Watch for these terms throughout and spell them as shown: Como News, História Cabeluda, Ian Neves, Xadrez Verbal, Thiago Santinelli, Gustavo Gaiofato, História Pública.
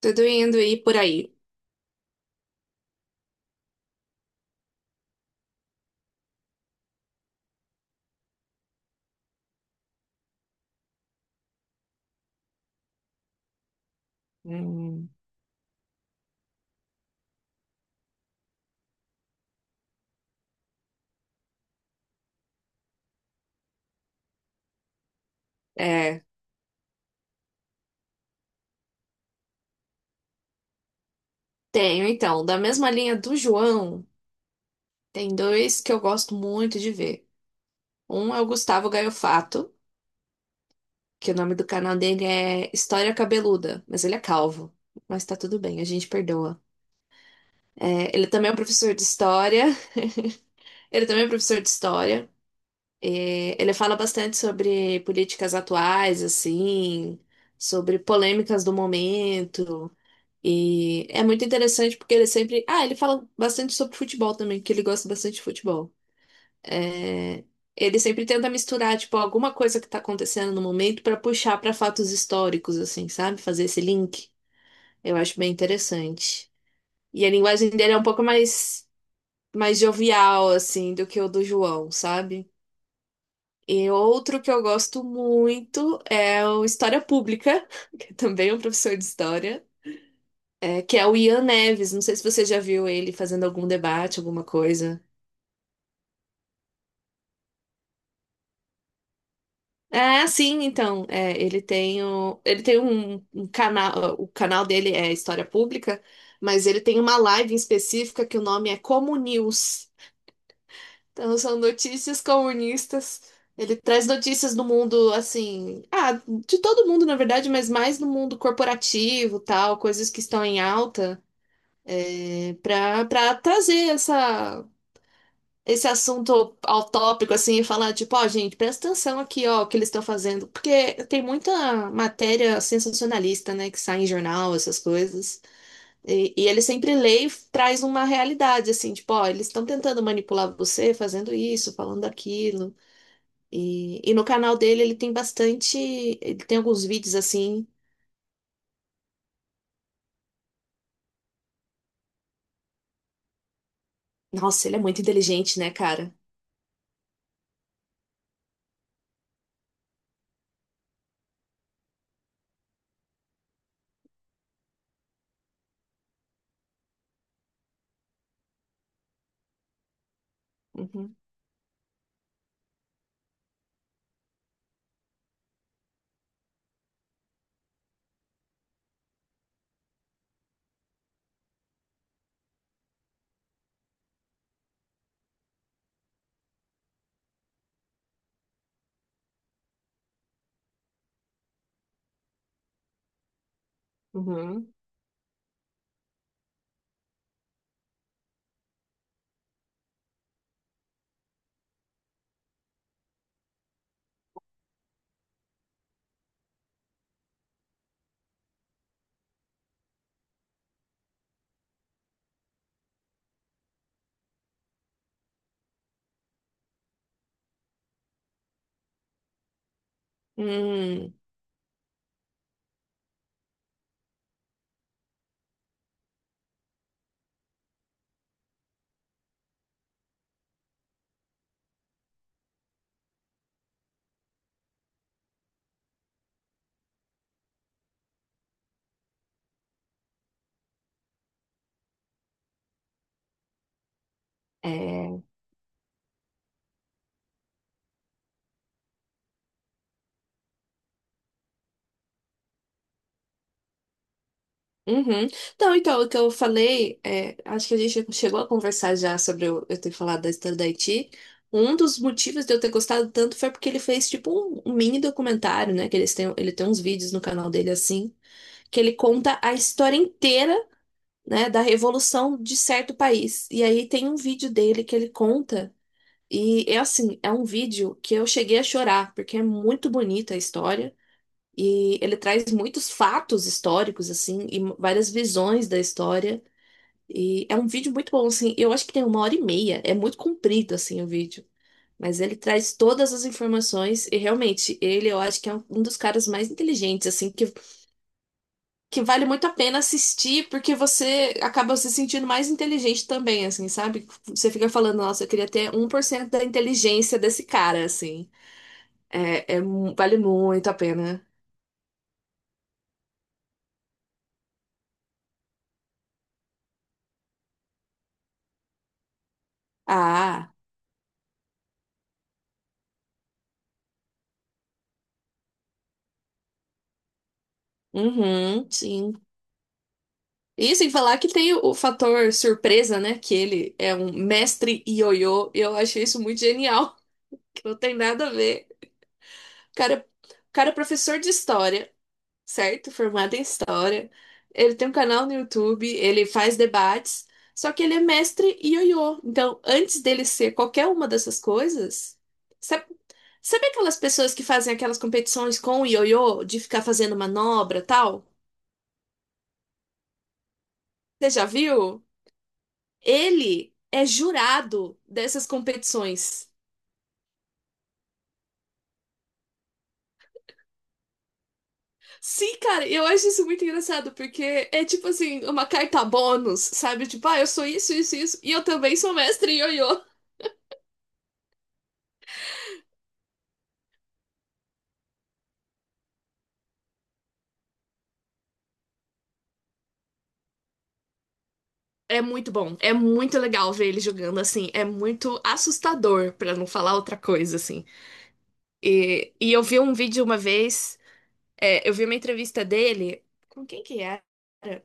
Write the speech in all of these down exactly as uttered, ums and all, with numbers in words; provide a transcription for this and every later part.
Tudo indo e por aí. Hum, É, tenho então, da mesma linha do João, tem dois que eu gosto muito de ver. Um é o Gustavo Gaiofato, que o nome do canal dele é História Cabeluda, mas ele é calvo. Mas tá tudo bem, a gente perdoa. É, ele também é um professor de história. Ele também é um professor de história. É, ele fala bastante sobre políticas atuais, assim, sobre polêmicas do momento. E é muito interessante porque ele sempre. Ah, ele fala bastante sobre futebol também, que ele gosta bastante de futebol. É. Ele sempre tenta misturar, tipo, alguma coisa que tá acontecendo no momento pra puxar pra fatos históricos, assim, sabe? Fazer esse link. Eu acho bem interessante. E a linguagem dele é um pouco mais, mais jovial, assim, do que o do João, sabe? E outro que eu gosto muito é o História Pública, que também é um professor de história. É, que é o Ian Neves. Não sei se você já viu ele fazendo algum debate, alguma coisa. Ah, sim, então. É, ele tem o, ele tem um, um canal. O canal dele é História Pública, mas ele tem uma live em específica que o nome é Como News. Então são notícias comunistas. Ele traz notícias do mundo, assim, ah, de todo mundo, na verdade, mas mais do mundo corporativo, tal, coisas que estão em alta, é, para para trazer essa esse assunto ao tópico, assim, e falar, tipo, ó, gente, presta atenção aqui, ó, o que eles estão fazendo. Porque tem muita matéria sensacionalista, né, que sai em jornal, essas coisas. E, e ele sempre lê e traz uma realidade, assim, tipo, ó, eles estão tentando manipular você, fazendo isso, falando aquilo. E, e no canal dele ele tem bastante, ele tem alguns vídeos, assim. Nossa, ele é muito inteligente, né, cara? Uhum, uhum. Hum, é. Uhum. Então, então, o que eu falei, é, acho que a gente chegou a conversar já sobre eu, eu ter falado da história da Haiti. Um dos motivos de eu ter gostado tanto foi porque ele fez, tipo, um, um mini documentário, né? Que eles têm, ele tem uns vídeos no canal dele, assim, que ele conta a história inteira, né, da revolução de certo país. E aí tem um vídeo dele que ele conta, e é assim, é um vídeo que eu cheguei a chorar, porque é muito bonita a história. E ele traz muitos fatos históricos, assim, e várias visões da história. E é um vídeo muito bom, assim. Eu acho que tem uma hora e meia. É muito comprido, assim, o vídeo. Mas ele traz todas as informações e realmente ele eu acho que é um um dos caras mais inteligentes, assim, que, que vale muito a pena assistir, porque você acaba se sentindo mais inteligente também, assim, sabe? Você fica falando, nossa, eu queria ter um por cento da inteligência desse cara, assim. É, é mu- vale muito a pena. Ah, uhum, sim. E sem falar que tem o fator surpresa, né? Que ele é um mestre ioiô. E eu achei isso muito genial, que não tem nada a ver. O cara, é, o, cara é professor de história, certo? Formado em história. Ele tem um canal no YouTube, ele faz debates. Só que ele é mestre ioiô. Então, antes dele ser qualquer uma dessas coisas, sabe, sabe aquelas pessoas que fazem aquelas competições com o ioiô de ficar fazendo manobra e tal? Você já viu? Ele é jurado dessas competições. Sim, cara, eu acho isso muito engraçado, porque é tipo assim, uma carta bônus, sabe? Tipo, ah, eu sou isso, isso, isso, e eu também sou mestre em ioiô. É muito bom, é muito legal ver ele jogando assim, é muito assustador, pra não falar outra coisa, assim. E, e eu vi um vídeo uma vez, é, eu vi uma entrevista dele, com quem que era?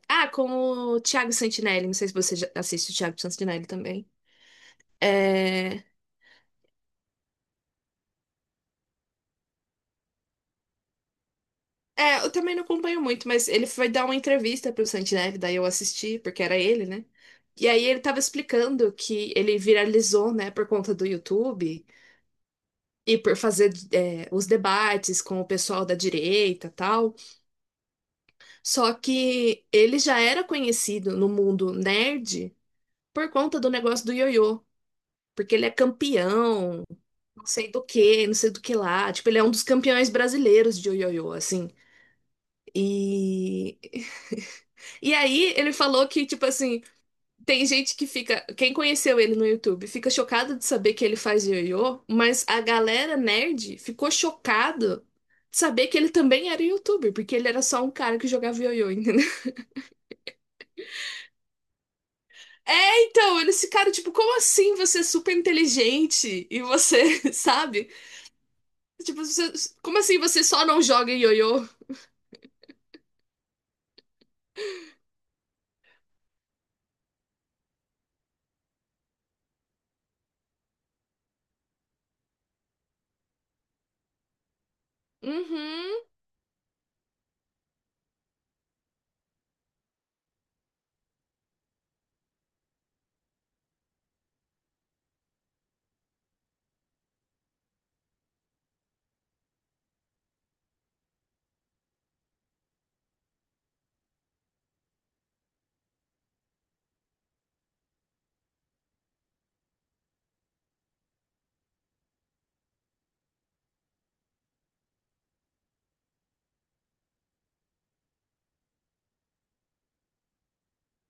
Ah, com o Thiago Santinelli, não sei se você já assiste o Thiago Santinelli também. É, É, eu também não acompanho muito, mas ele foi dar uma entrevista pro Santineve, daí eu assisti, porque era ele, né? E aí ele tava explicando que ele viralizou, né, por conta do YouTube e por fazer é, os debates com o pessoal da direita e tal. Só que ele já era conhecido no mundo nerd por conta do negócio do ioiô. Porque ele é campeão, não sei do que, não sei do que lá. Tipo, ele é um dos campeões brasileiros de ioiô, assim. E e aí ele falou que, tipo assim, tem gente que fica, quem conheceu ele no YouTube, fica chocado de saber que ele faz ioiô, mas a galera nerd ficou chocado de saber que ele também era youtuber, porque ele era só um cara que jogava ioiô, entendeu? É, então, eles ficaram tipo, como assim você é super inteligente e você, sabe? Tipo, você- como assim você só não joga ioiô? Uhum.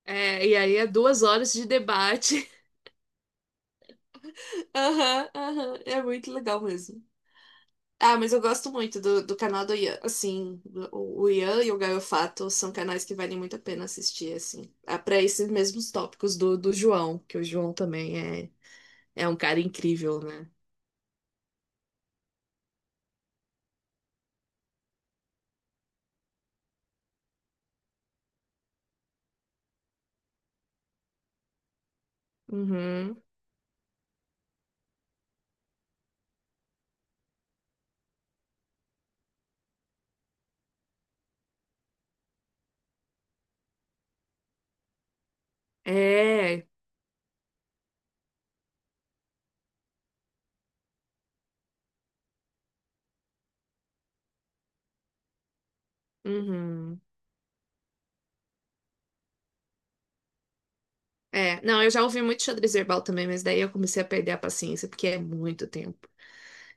É, e aí é duas horas de debate. Aham, aham, é muito legal mesmo. Ah, mas eu gosto muito do, do canal do Ian. Assim, o, o Ian e o Gaiofato são canais que valem muito a pena assistir, assim. Ah, para esses mesmos tópicos do, do João, que o João também é, é um cara incrível, né? Uhum. É. Uhum. É. Não, eu já ouvi muito xadrez verbal também, mas daí eu comecei a perder a paciência, porque é muito tempo.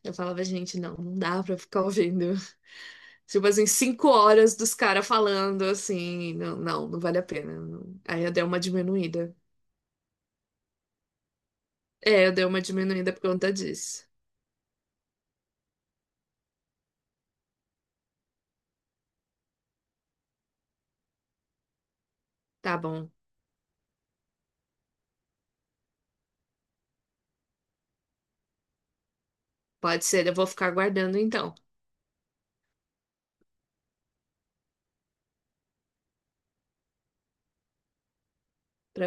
Eu falava, gente, não, não dá pra ficar ouvindo. Tipo assim, cinco horas dos caras falando, assim, não, não, não vale a pena. Não. Aí eu dei uma diminuída. É, eu dei uma diminuída por conta disso. Tá bom, pode ser. Eu vou ficar aguardando então, pra